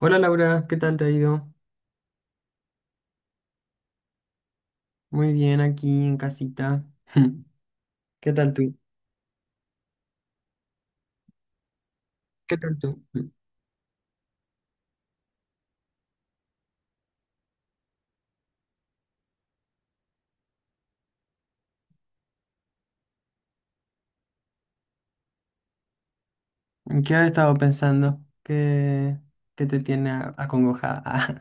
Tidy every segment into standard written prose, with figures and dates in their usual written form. Hola Laura, ¿qué tal te ha ido? Muy bien aquí en casita. ¿Qué tal tú? ¿Qué tal tú? ¿En ¿Qué has estado pensando? ¿Qué te tiene acongojada?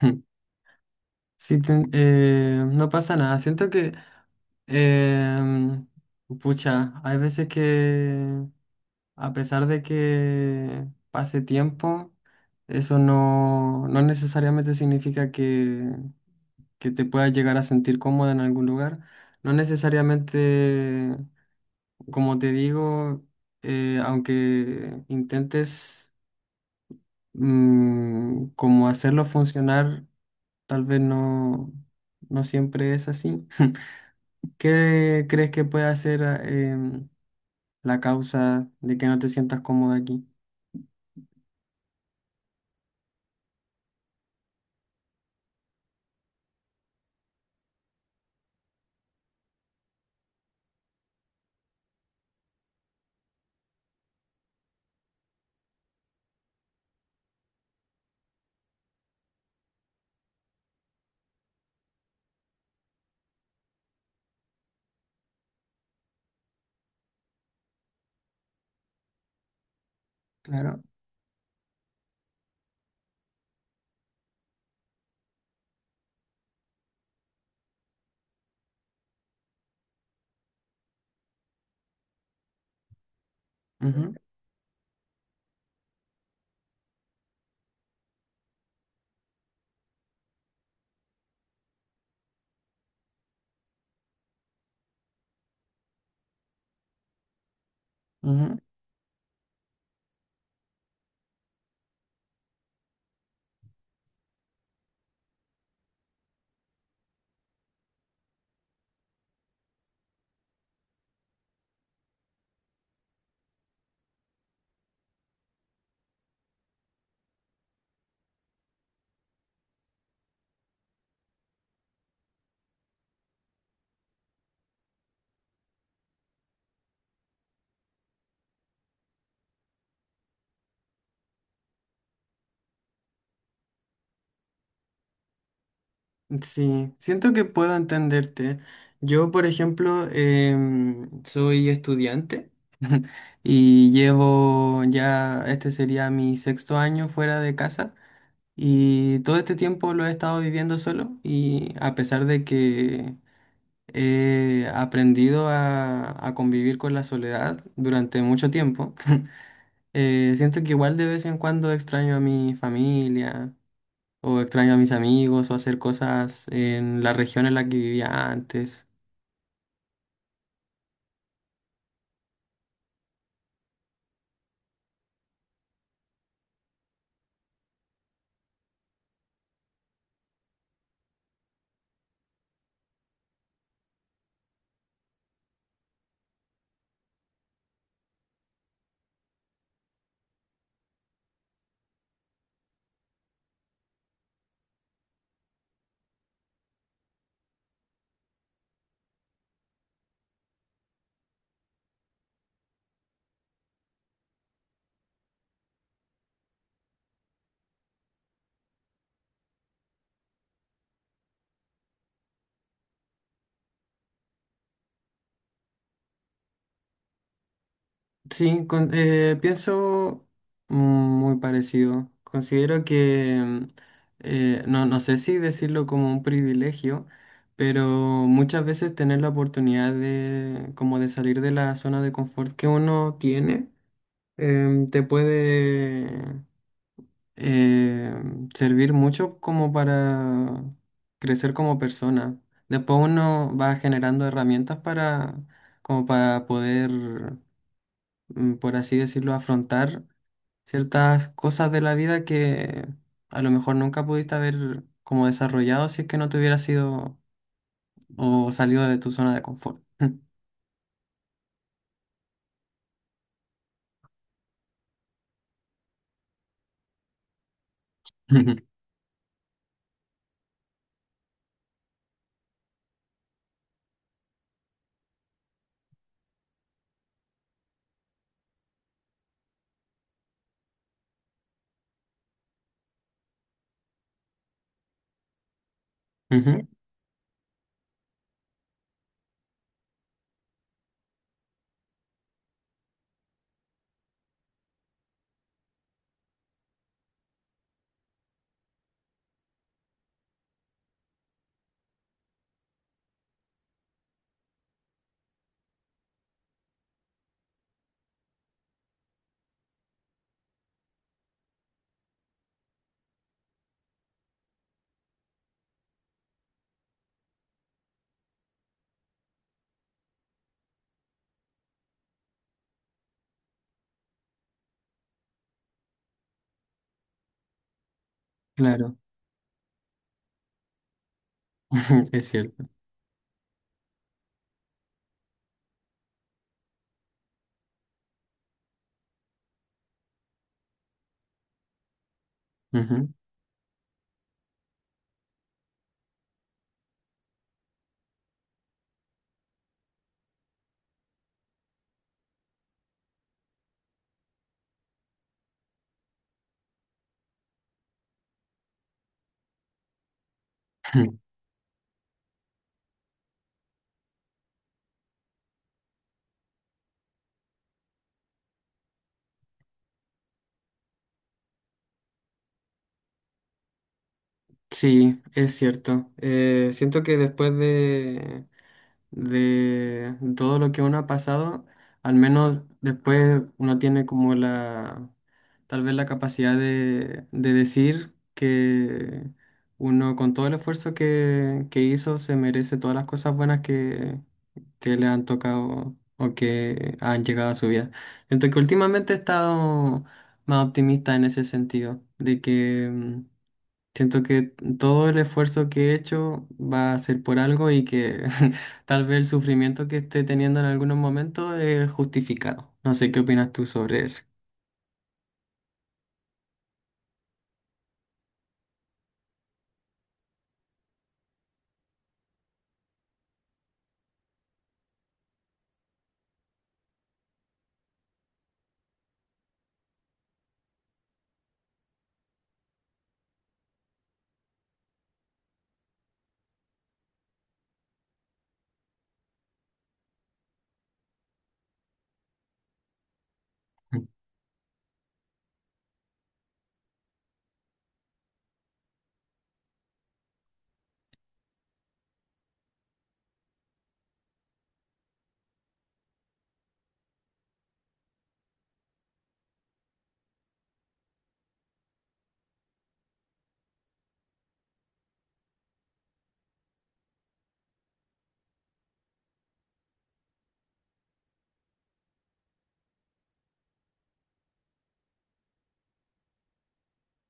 Sí, no pasa nada. Siento que, em, pucha, hay veces que a pesar de que pase tiempo, eso no necesariamente significa que te puedas llegar a sentir cómoda en algún lugar. No necesariamente, como te digo, aunque intentes como hacerlo funcionar, tal vez no, siempre es así. ¿Qué crees que puede ser la causa de que no te sientas cómoda aquí? Claro. Ujú, ujú. Sí, siento que puedo entenderte. Yo, por ejemplo, soy estudiante y llevo ya, este sería mi sexto año fuera de casa, y todo este tiempo lo he estado viviendo solo, y a pesar de que he aprendido a convivir con la soledad durante mucho tiempo, siento que igual de vez en cuando extraño a mi familia o extraño a mis amigos, o hacer cosas en la región en la que vivía antes. Sí, pienso muy parecido. Considero que, no sé si decirlo como un privilegio, pero muchas veces tener la oportunidad como de salir de la zona de confort que uno tiene, te puede eh, servir mucho como para crecer como persona. Después uno va generando herramientas como para poder, por así decirlo, afrontar ciertas cosas de la vida que a lo mejor nunca pudiste haber como desarrollado si es que no te hubieras sido o salido de tu zona de confort. Ujú. Claro, es cierto. Ujú. Sí, es cierto. Siento que después de todo lo que uno ha pasado, al menos después uno tiene como la, tal vez la capacidad de decir que uno con todo el esfuerzo que hizo se merece todas las cosas buenas que le han tocado o que han llegado a su vida. Siento que últimamente he estado más optimista en ese sentido, de que... mm, siento que todo el esfuerzo que he hecho va a ser por algo, y que tal vez el sufrimiento que esté teniendo en algunos momentos es justificado. No sé qué opinas tú sobre eso.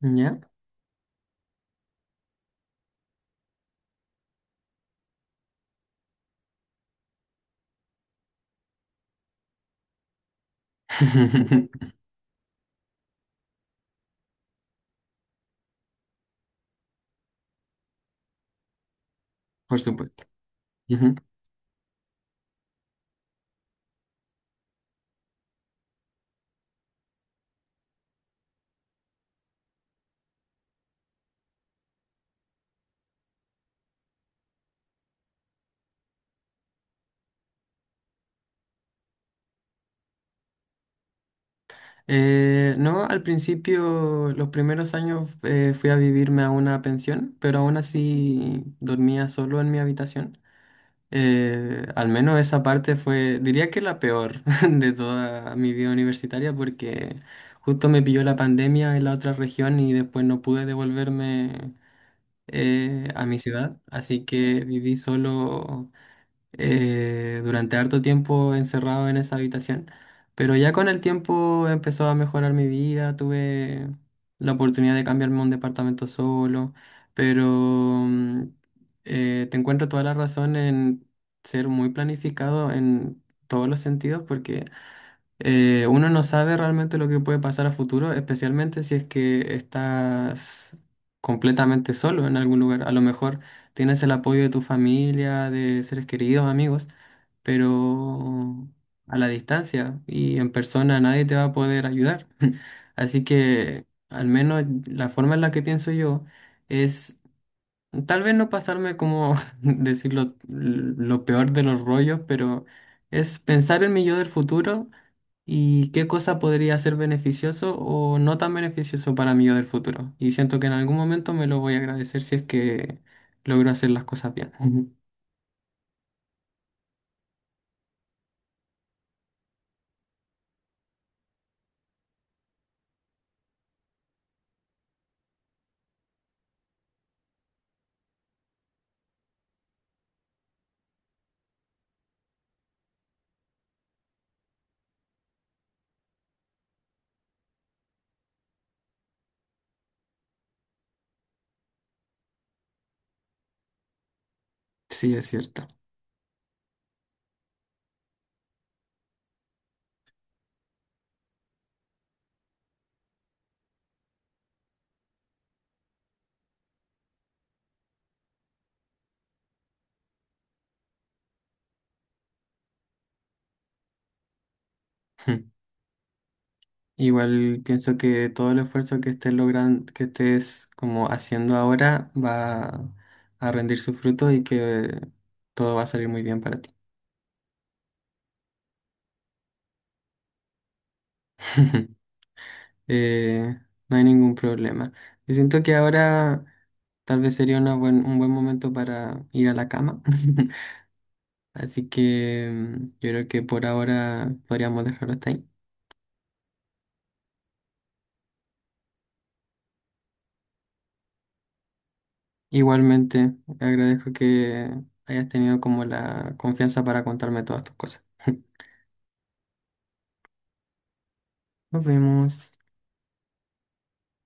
¿Ya? Por supuesto. Ujú. No, al principio, los primeros años fui a vivirme a una pensión, pero aún así dormía solo en mi habitación. Al menos esa parte fue, diría que la peor de toda mi vida universitaria, porque justo me pilló la pandemia en la otra región y después no pude devolverme a mi ciudad, así que viví solo durante harto tiempo encerrado en esa habitación, pero ya con el tiempo empezó a mejorar mi vida, tuve la oportunidad de cambiarme a un departamento solo, pero mm, te encuentro toda la razón en ser muy planificado en todos los sentidos, porque uno no sabe realmente lo que puede pasar a futuro, especialmente si es que estás completamente solo en algún lugar. A lo mejor tienes el apoyo de tu familia, de seres queridos, amigos, pero a la distancia y en persona nadie te va a poder ayudar. Así que al menos la forma en la que pienso yo es tal vez no pasarme como decirlo lo peor de los rollos, pero es pensar en mi yo del futuro. ¿Y qué cosa podría ser beneficioso o no tan beneficioso para mí yo del futuro? Y siento que en algún momento me lo voy a agradecer si es que logro hacer las cosas bien. Ujú. Sí, es cierto. Igual pienso que todo el esfuerzo que estés logrando, que estés como haciendo ahora, va a rendir su fruto, y que todo va a salir muy bien para ti. Eh, no hay ningún problema. Yo siento que ahora tal vez sería una un buen momento para ir a la cama. Así que yo creo que por ahora podríamos dejarlo hasta ahí. Igualmente, agradezco que hayas tenido como la confianza para contarme todas tus cosas. Nos vemos.